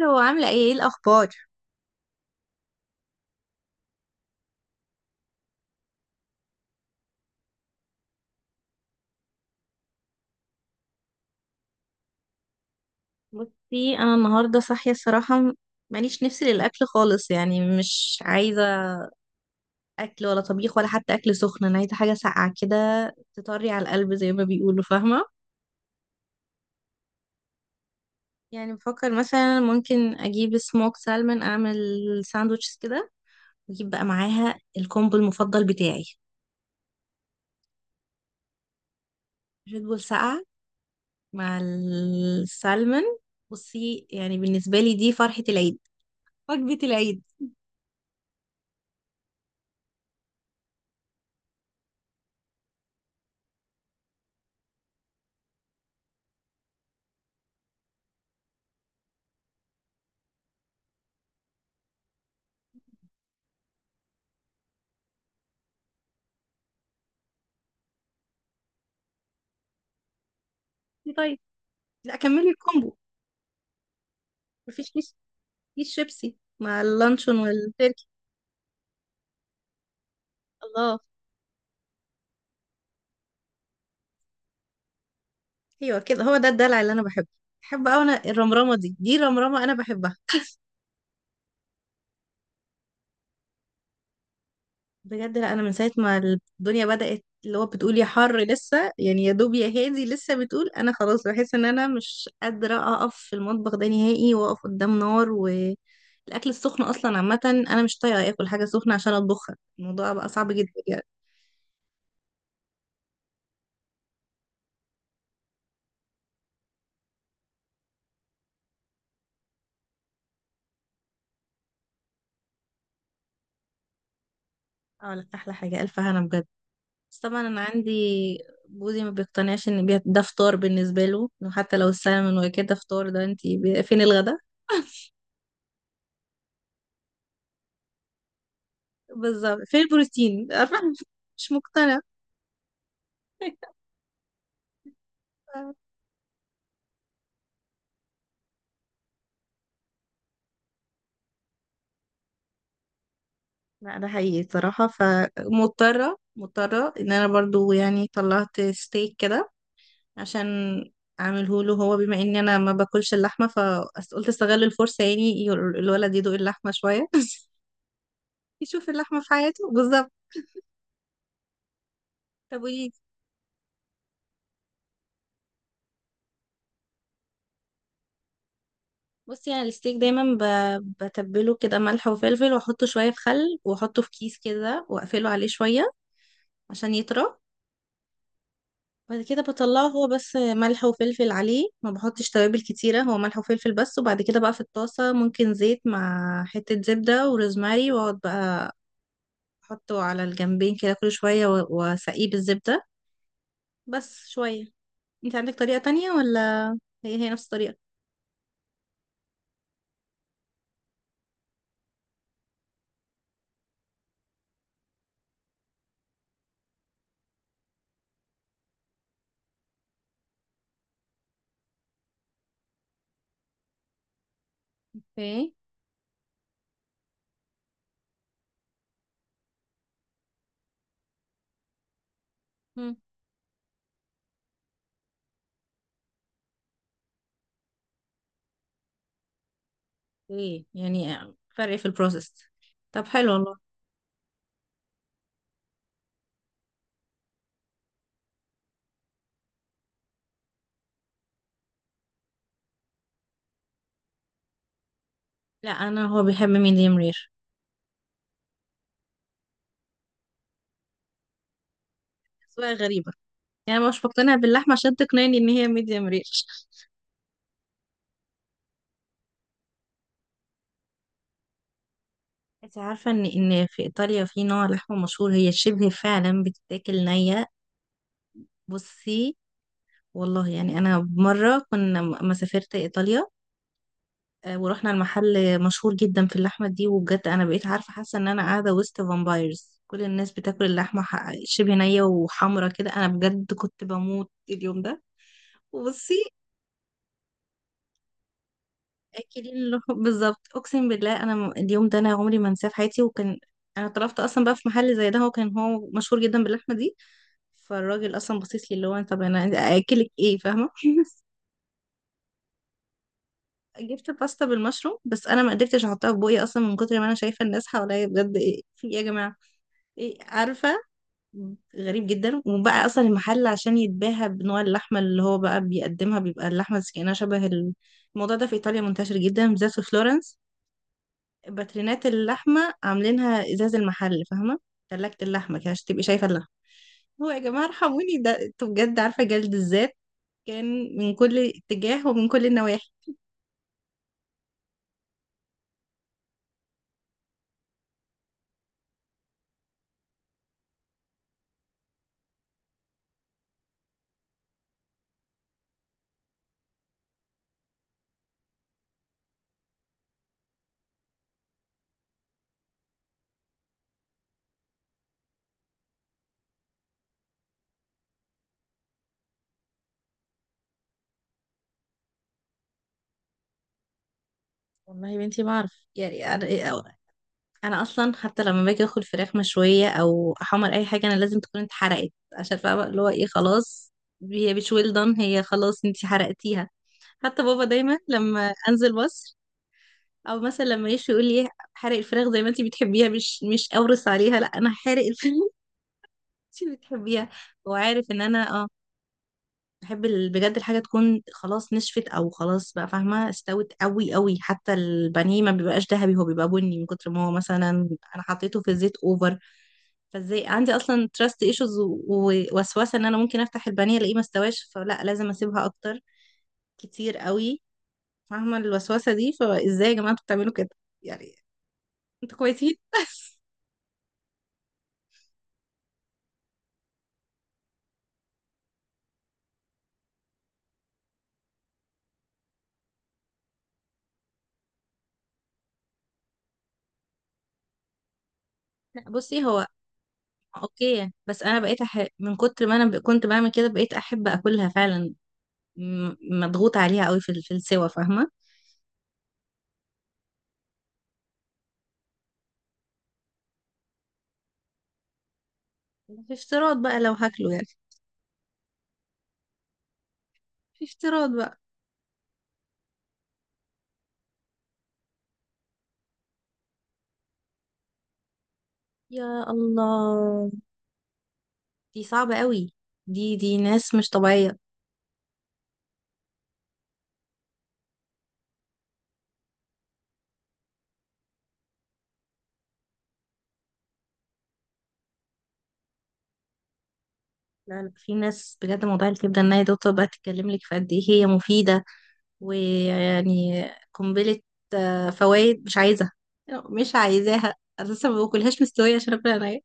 لو عاملة ايه ايه الأخبار؟ بصي أنا النهاردة صاحية الصراحة ماليش نفسي للأكل خالص. يعني مش عايزة أكل ولا طبيخ ولا حتى أكل سخن، أنا عايزة حاجة ساقعة كده تطري على القلب زي ما بيقولوا، فاهمة؟ يعني بفكر مثلا ممكن أجيب سموك سالمون، أعمل ساندوتشز كده، وأجيب بقى معاها الكومبو المفضل بتاعي، ريد بول ساقعة مع السالمون. بصي يعني بالنسبة لي دي فرحة العيد، وجبة العيد. طيب، لا كملي الكومبو. مفيش في الشيبسي مع اللانشون والتركي. الله. ايوه كده، هو ده الدلع اللي انا بحبه. بحب قوي انا الرمرامه دي، رمرامه انا بحبها. بجد، لا انا من ساعه ما الدنيا بدات اللي هو بتقول يا حر لسه، يعني يا دوب يا هادي لسه بتقول، انا خلاص بحس ان انا مش قادره اقف في المطبخ ده نهائي، واقف قدام نار، والاكل السخن اصلا عامه انا مش طايقه اكل حاجه سخنه عشان اطبخها، الموضوع بقى صعب جدا يعني. اه لا احلى حاجه الف هنا بجد. بس طبعا انا عندي جوزي ما بيقتنعش ان ده فطار. بالنسبه له إنه حتى لو السلمون وكده فطار، ده انت فين الغدا؟ بالظبط، فين البروتين؟ عارفة؟ مش مقتنع. لا ده حقيقي صراحه، فمضطره ان انا برضو يعني طلعت ستيك كده عشان اعمله له هو، بما اني انا ما باكلش اللحمه، فقلت استغل الفرصه يعني، الولد يدوق اللحمه شويه يشوف اللحمه في حياته، بالظبط. طب قولي. بصي انا الستيك دايما بتبله كده ملح وفلفل، واحطه شويه في خل، واحطه في كيس كده واقفله عليه شويه عشان يطرى. بعد كده بطلعه، هو بس ملح وفلفل عليه، ما بحطش توابل كتيره، هو ملح وفلفل بس. وبعد كده بقى في الطاسه، ممكن زيت مع حته زبده وروزماري، واقعد بقى احطه على الجنبين كده كل شويه، واسقيه بالزبده بس شويه. انت عندك طريقه تانية ولا هي هي نفس الطريقه؟ اوكي. مم. ايه يعني؟ فرق في البروسيس؟ طب حلو والله. لا انا هو بيحب ميديم رير. أذواق غريبة. يعني أنا مش مقتنع باللحمة، عشان تقنعني ان هي ميديم رير. انت عارفة ان في ايطاليا في نوع لحمة مشهور هي شبه فعلا بتتاكل نية. بصي، والله يعني انا مرة كنا ما سافرت ايطاليا، ورحنا المحل مشهور جدا في اللحمة دي، وبجد انا بقيت عارفة حاسة ان انا قاعدة وسط فامبايرز، كل الناس بتاكل اللحمة شبه نية وحمرة كده، انا بجد كنت بموت اليوم ده. وبصي، اكلين اللحوم بالظبط. اقسم بالله انا اليوم ده انا عمري ما انساه في حياتي. وكان انا طلبت اصلا بقى في محل زي ده، هو كان هو مشهور جدا باللحمه دي، فالراجل اصلا بصيت لي اللي هو طب انا اكلك ايه، فاهمه؟ جبت باستا بالمشروم، بس انا ما قدرتش احطها في بوقي اصلا من كتر ما انا شايفه الناس حواليا بجد ايه في ايه يا جماعه، ايه عارفه. غريب جدا. وبقى اصلا المحل عشان يتباهى بنوع اللحمه اللي هو بقى بيقدمها، بيبقى اللحمه كأنها شبه الموضوع ده في ايطاليا منتشر جدا، بالذات في فلورنس. باترينات اللحمة عاملينها ازاز المحل، فاهمة؟ تلاجة اللحمة كده عشان تبقي شايفة اللحمة. هو يا جماعة ارحموني، ده انتوا بجد، عارفة جلد الذات كان من كل اتجاه ومن كل النواحي. والله يا بنتي ما اعرف يعني، انا اصلا حتى لما باجي اكل فراخ مشوية او احمر اي حاجة، انا لازم تكون اتحرقت عشان فاهمة اللي هو ايه، خلاص هي مش ويل دان، هي خلاص انتي حرقتيها. حتى بابا دايما لما انزل مصر او مثلا لما يشوي يقول لي، حرق الفراخ زي ما انت بتحبيها، مش مش اورس عليها، لا انا حارق الفراخ انت بتحبيها. هو عارف ان انا اه بحب بجد الحاجه تكون خلاص نشفت او خلاص بقى، فاهمه؟ استوت قوي قوي، حتى البانيه ما بيبقاش ذهبي، هو بيبقى بني من كتر ما هو مثلا انا حطيته في الزيت اوفر. فازاي عندي اصلا تراست ايشوز ووسوسه ان انا ممكن افتح البانيه الاقيه ما استواش، فلا لازم اسيبها اكتر، كتير قوي. فاهمه الوسوسه دي؟ فازاي يا جماعه انتوا بتعملوا كده يعني؟ انتوا كويسين. لا بصي هو اوكي يعني، بس انا بقيت من كتر ما انا كنت بعمل كده بقيت احب اكلها فعلا. م- مضغوط عليها قوي في في السوا، فاهمه؟ في افتراض بقى لو هاكله يعني. في افتراض بقى. يا الله، دي صعبه قوي. دي ناس مش طبيعيه. لا لا، في ناس بجد موضوع الكبده ان هي دكتور بقى تتكلم لك في قد ايه هي مفيده، ويعني قنبله فوائد. مش عايزه، مش عايزاها اساسا، ما باكلهاش مستويه عشان اكل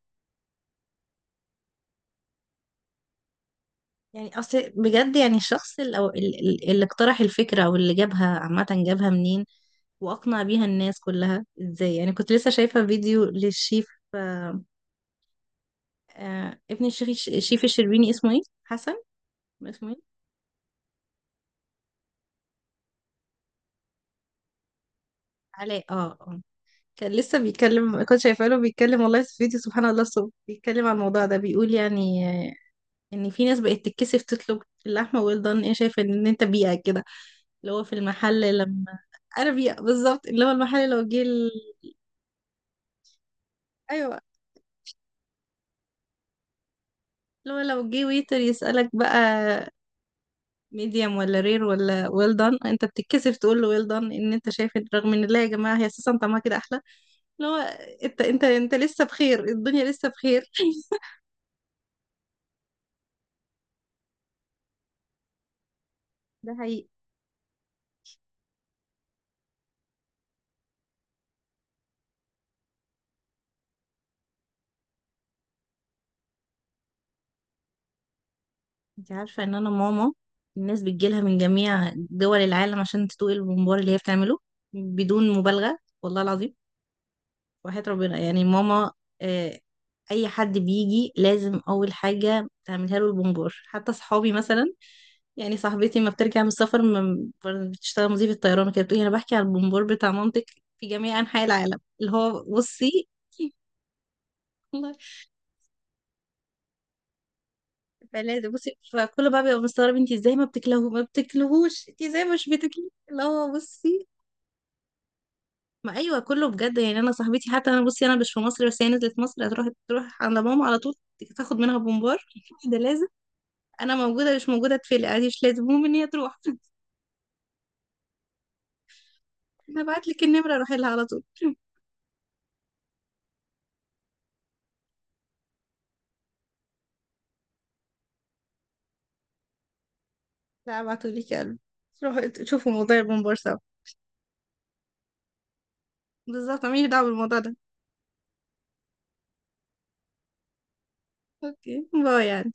يعني. اصل بجد يعني الشخص اللي, أو اللي اقترح الفكرة او اللي جابها، عامة جابها منين واقنع بيها الناس كلها ازاي؟ يعني كنت لسه شايفة فيديو للشيف، آه، آه، ابن الشيخ الشيف الشربيني، اسمه ايه، حسن؟ اسمه ايه؟ علاء، اه اه. كان لسه بيتكلم، كنت شايفة له بيتكلم والله في فيديو سبحان الله الصبح، بيتكلم عن الموضوع ده، بيقول يعني، ان في ناس بقت تتكسف تطلب اللحمة ويل دان، ايه شايفة ان انت بيئة كده؟ اللي هو في المحل لما، انا بيئة، بالظبط. اللي هو المحل لو جه ايوه، لو لو جه ويتر يسألك بقى، ميديم ولا رير ولا ويل دان، انت بتتكسف تقول له ويل دان ان انت شايف رغم ان، لا يا جماعة هي اساسا طعمها كده احلى. اللي هو، انت انت لسه بخير، الدنيا لسه بخير. ده حقيقي. انت عارفة ان انا ماما الناس بتجيلها من جميع دول العالم عشان تدوق الممبار اللي هي بتعمله، بدون مبالغة، والله العظيم، وحياة ربنا يعني. ماما، آه، اي حد بيجي لازم اول حاجة تعملها له البونبور. حتى صحابي مثلا، يعني صاحبتي ما بترجع من السفر، ما بتشتغل مضيفة طيران وكده، بتقولي انا بحكي على البونبور بتاع مامتك في جميع انحاء العالم، اللي هو بصي. والله. فلازم، بصي فكله بقى بيبقى مستغرب انت ازاي ما بتاكلهوش، ما بتاكلهوش انت ازاي مش بتاكليه، اللي هو بصي. ما ايوه كله بجد يعني. انا صاحبتي حتى، انا بصي انا مش في مصر، بس هي نزلت مصر هتروح تروح عند ماما على طول تاخد منها بومبار ده لازم. انا موجوده مش موجوده تفلق عادي مش لازم، المهم ان هي تروح. انا هبعت لك النمره روحي لها على طول. لا ابعتوا لي كلب روحوا تشوفوا موضوع البومبار سوا. بالظبط ماليش دعوه بالموضوع ده. اوكي باي يعني.